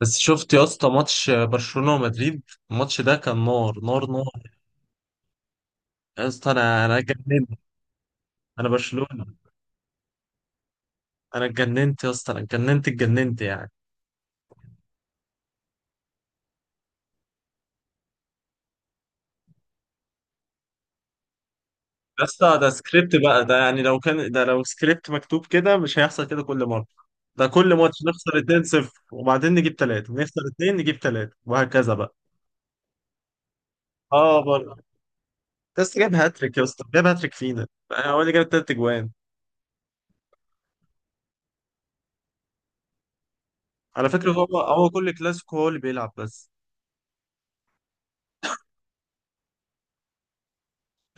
بس شفت يا اسطى ماتش برشلونة ومدريد. الماتش ده كان نار نار نار. يا اسطى انا اتجننت. انا برشلونة. انا اتجننت يا اسطى، انا اتجننت اتجننت يعني. يا اسطى ده سكريبت بقى، ده يعني لو كان ده لو سكريبت مكتوب كده مش هيحصل كده كل مرة. ده كل ماتش نخسر 2-0 وبعدين نجيب 3، نخسر 2 نجيب 3 وهكذا بقى. اه برضه. بس جاب هاتريك يا اسطى، جاب هاتريك فينا، يعني هو اللي جاب التلات اجوان. على فكرة هو كل كلاسيكو هو اللي بيلعب بس.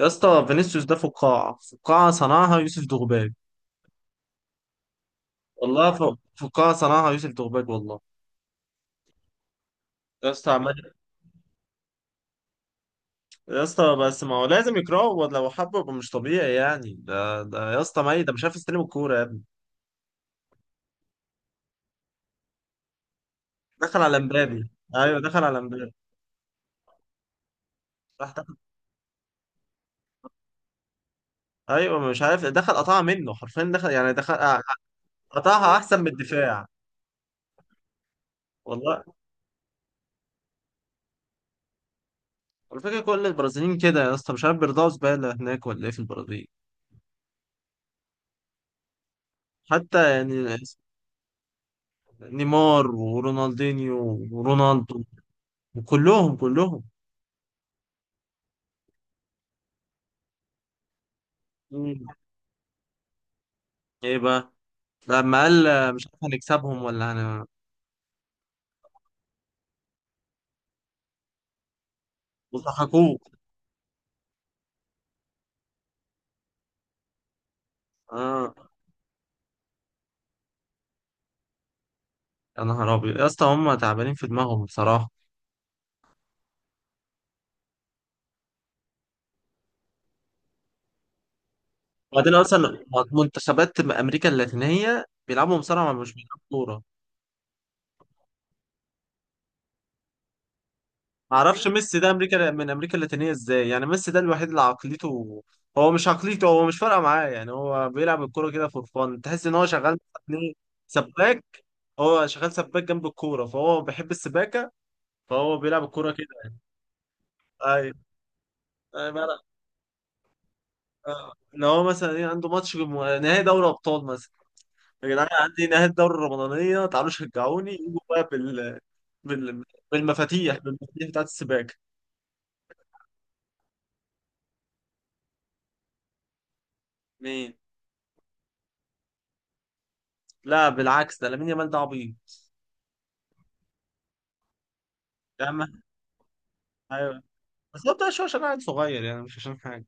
يا اسطى فينيسيوس ده فقاعة، فقاعة صنعها يوسف دغباج والله. فقاعة صنعها يوسف دغباج والله. يا اسطى عمال. يا اسطى بس ما هو لازم يكرهه، لو حبه يبقى مش طبيعي يعني. ده يا اسطى ميت، ده مش عارف يستلم الكورة يا ابني. دخل على مبابي، ايوه دخل على مبابي. راح دخل. ايوه مش عارف، دخل قطعها منه حرفيا، دخل يعني دخل. قطعها احسن من الدفاع والله. الفكرة كل البرازيليين كده يا اسطى، مش عارف بيرضعوا زبالة هناك ولا ايه في البرازيل. حتى يعني نيمار ورونالدينيو ورونالدو، كلهم كلهم. مم. ايه بقى؟ لما قال مش عارف هنكسبهم ولا هن، وضحكوه. اه. يا نهار ابيض يا اسطى، هم تعبانين في دماغهم بصراحه. وبعدين اصلا منتخبات امريكا اللاتينيه بيلعبوا مصارعه، مش بيلعبوا كوره. ما اعرفش ميسي ده امريكا من امريكا اللاتينيه ازاي، يعني ميسي ده الوحيد اللي عقليته، هو مش عقليته، هو مش فارقه معاه يعني، هو بيلعب الكوره كده فور فان، تحس ان هو شغال سباك. هو شغال سباك جنب الكوره، فهو بيحب السباكه، فهو بيلعب الكوره كده. أيوه. آه، بقى- ان هو مثلا ايه، عنده ماتش نهائي دوري ابطال مثلا. يا جدعان عندي نهائي الدوري الرمضانيه، تعالوا شجعوني، يجوا بقى بال... بالمفاتيح، بالمفاتيح بتاعت السباكه. مين؟ لا بالعكس، ده لامين يامال ده عبيط. يا عم ايوه، بس هو بتاع شويه عشان قاعد صغير يعني، مش عشان حاجه.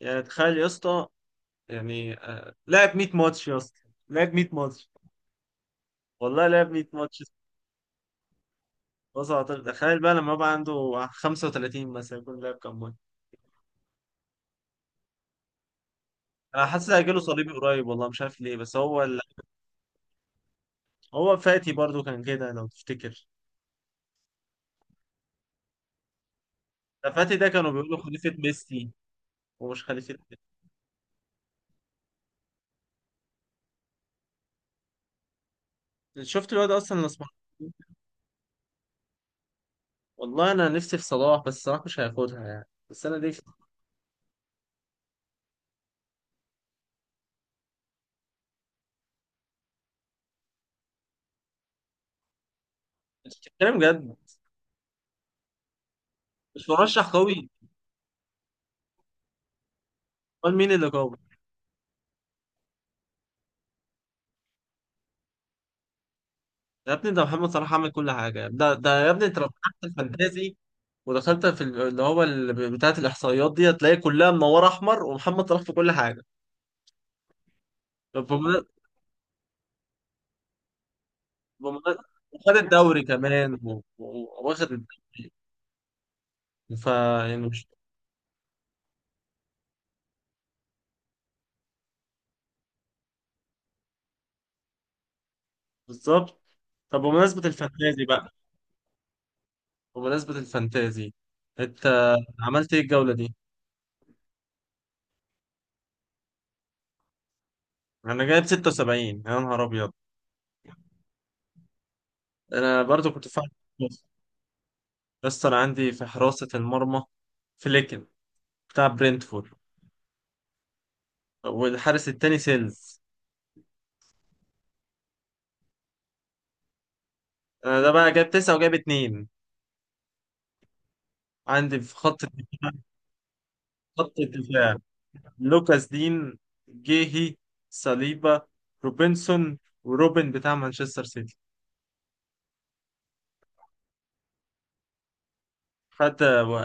يعني تخيل يا اسطى، يعني لعب 100 ماتش يا اسطى، لعب 100 ماتش. والله لعب 100 ماتش. بص، تخيل بقى لما يبقى عنده 35 مثلا، يكون لعب كام ماتش. انا حاسس هيجيله صليبي قريب والله، مش عارف ليه، بس هو فاتي برضو كان كده لو تفتكر. ده فاتي ده كانوا بيقولوا خليفة ميسي، ومش خليفة ميسي. شفت الواد اصلا الاسمراني. والله انا نفسي في صلاح، بس صلاح مش هياخدها يعني، بس انا نفسي. مش بتتكلم جد؟ مش مرشح قوي؟ امال مين اللي قوي؟ يا ابني ده محمد صلاح عمل كل حاجة. ده يا ابني، انت لو فتحت الفانتازي ودخلت في بتاعة الإحصائيات دي، هتلاقي كلها منورة أحمر ومحمد صلاح في كل حاجة. طب وخد الدوري كمان، واخد الدوري. ف يعني مش بالظبط. طب بمناسبة الفانتازي بقى، بمناسبة الفانتازي، انت عملت ايه الجولة دي؟ انا جايب 76. يا نهار ابيض. انا برضو كنت فاهم. بس انا عندي في حراسة المرمى فليكن، بتاع برينتفورد، والحارس التاني سيلز. انا ده بقى جايب تسعة وجايب اتنين. عندي في خط، خط الدفاع، لوكاس دين، جيهي، صليبا، روبنسون، وروبن بتاع مانشستر سيتي. خد،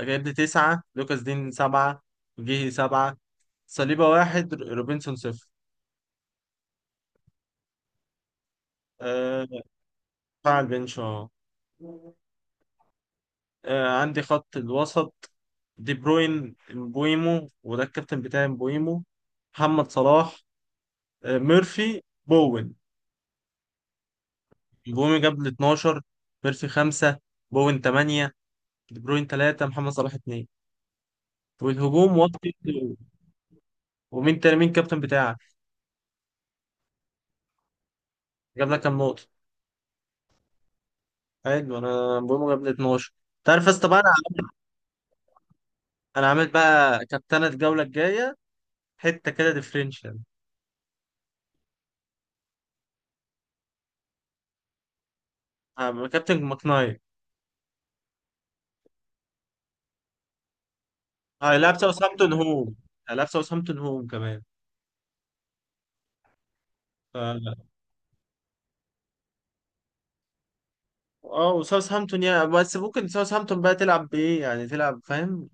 جايب لي تسعة، لوكاس دين سبعة، جيهي سبعة، صليبا واحد، روبنسون صفر. أه، دفاع البنش اه. عندي خط الوسط، دي بروين، مبويمو، وده الكابتن بتاعي مبويمو، محمد صلاح، ميرفي، بوين. مبويمو جاب لي 12، ميرفي 5، بوين 8، دي بروين 3، محمد صلاح 2. والهجوم ومين تاني، مين الكابتن بتاعك؟ جاب لك كام نقطة؟ حلو، انا بقول جاب لي 12. تعرف يا اسطى بقى انا، انا عامل بقى كابتنة الجولة الجاية حتة كده ديفرنشال. كابتن ماكناير. هيلعب ساوثهامبتون هوم، هيلعب ساوثهامبتون هوم كمان. ف- اه وساوثهامبتون يعني، بس ممكن ساوثهامبتون بقى تلعب بايه يعني، تلعب فاهم.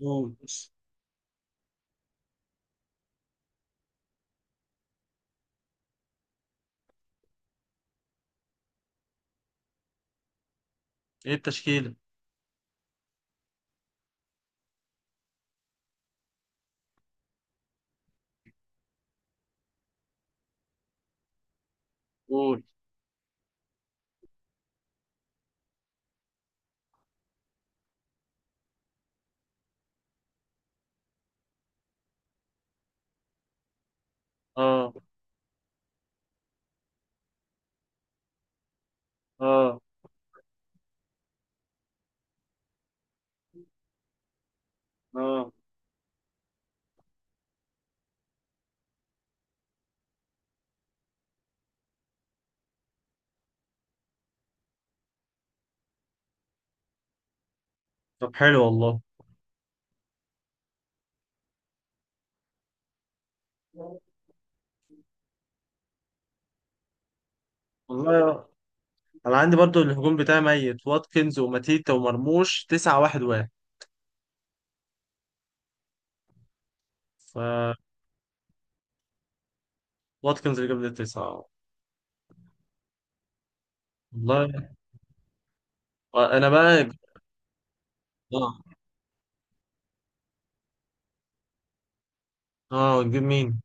قول، ايه التشكيلة؟ قول. اه. اه. اه. طب حلو والله. والله انا عندي برضو الهجوم بتاعي ميت، واتكنز وماتيتا ومرموش، تسعة واحد واحد. ف واتكنز اللي جاب لي التسعة. والله. انا بقى، اه. اه تجيب مين؟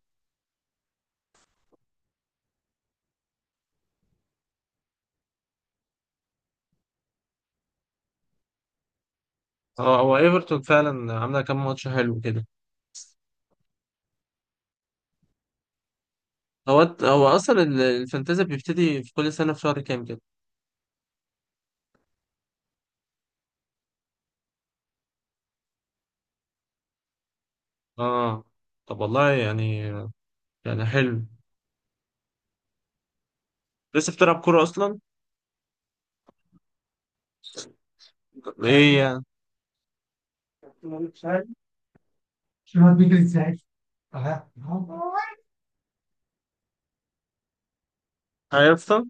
اه هو ايفرتون فعلا عامله كام ماتش حلو كده. هو اصلا الفانتازي بيبتدي في كل سنه في شهر كام كده. اه. طب والله يعني، يعني حلو. لسه بتلعب كوره اصلا؟ ايه يعني؟ ايوه يا اسطى.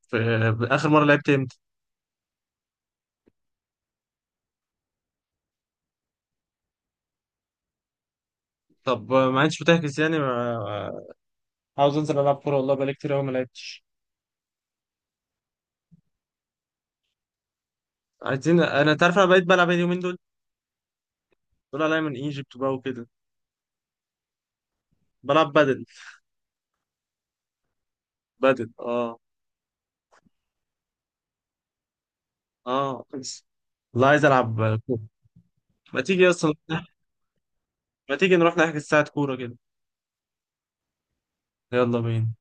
اخر مره لعبت امتى؟ طب ما انتش بتحجز يعني ما... عاوز انزل العب كوره والله، بقالي كتير قوي ما لعبتش. عايزين، انا تعرف انا بقيت بلعب ايه اليومين دول؟ دول عليا من ايجيبت بقى وكده. بلعب بدل. بدل اه. اه بس. والله عايز العب كوره. ما تيجي اصلا؟ ما تيجي نروح نحجز ساعه كوره كده؟ يلا بينا.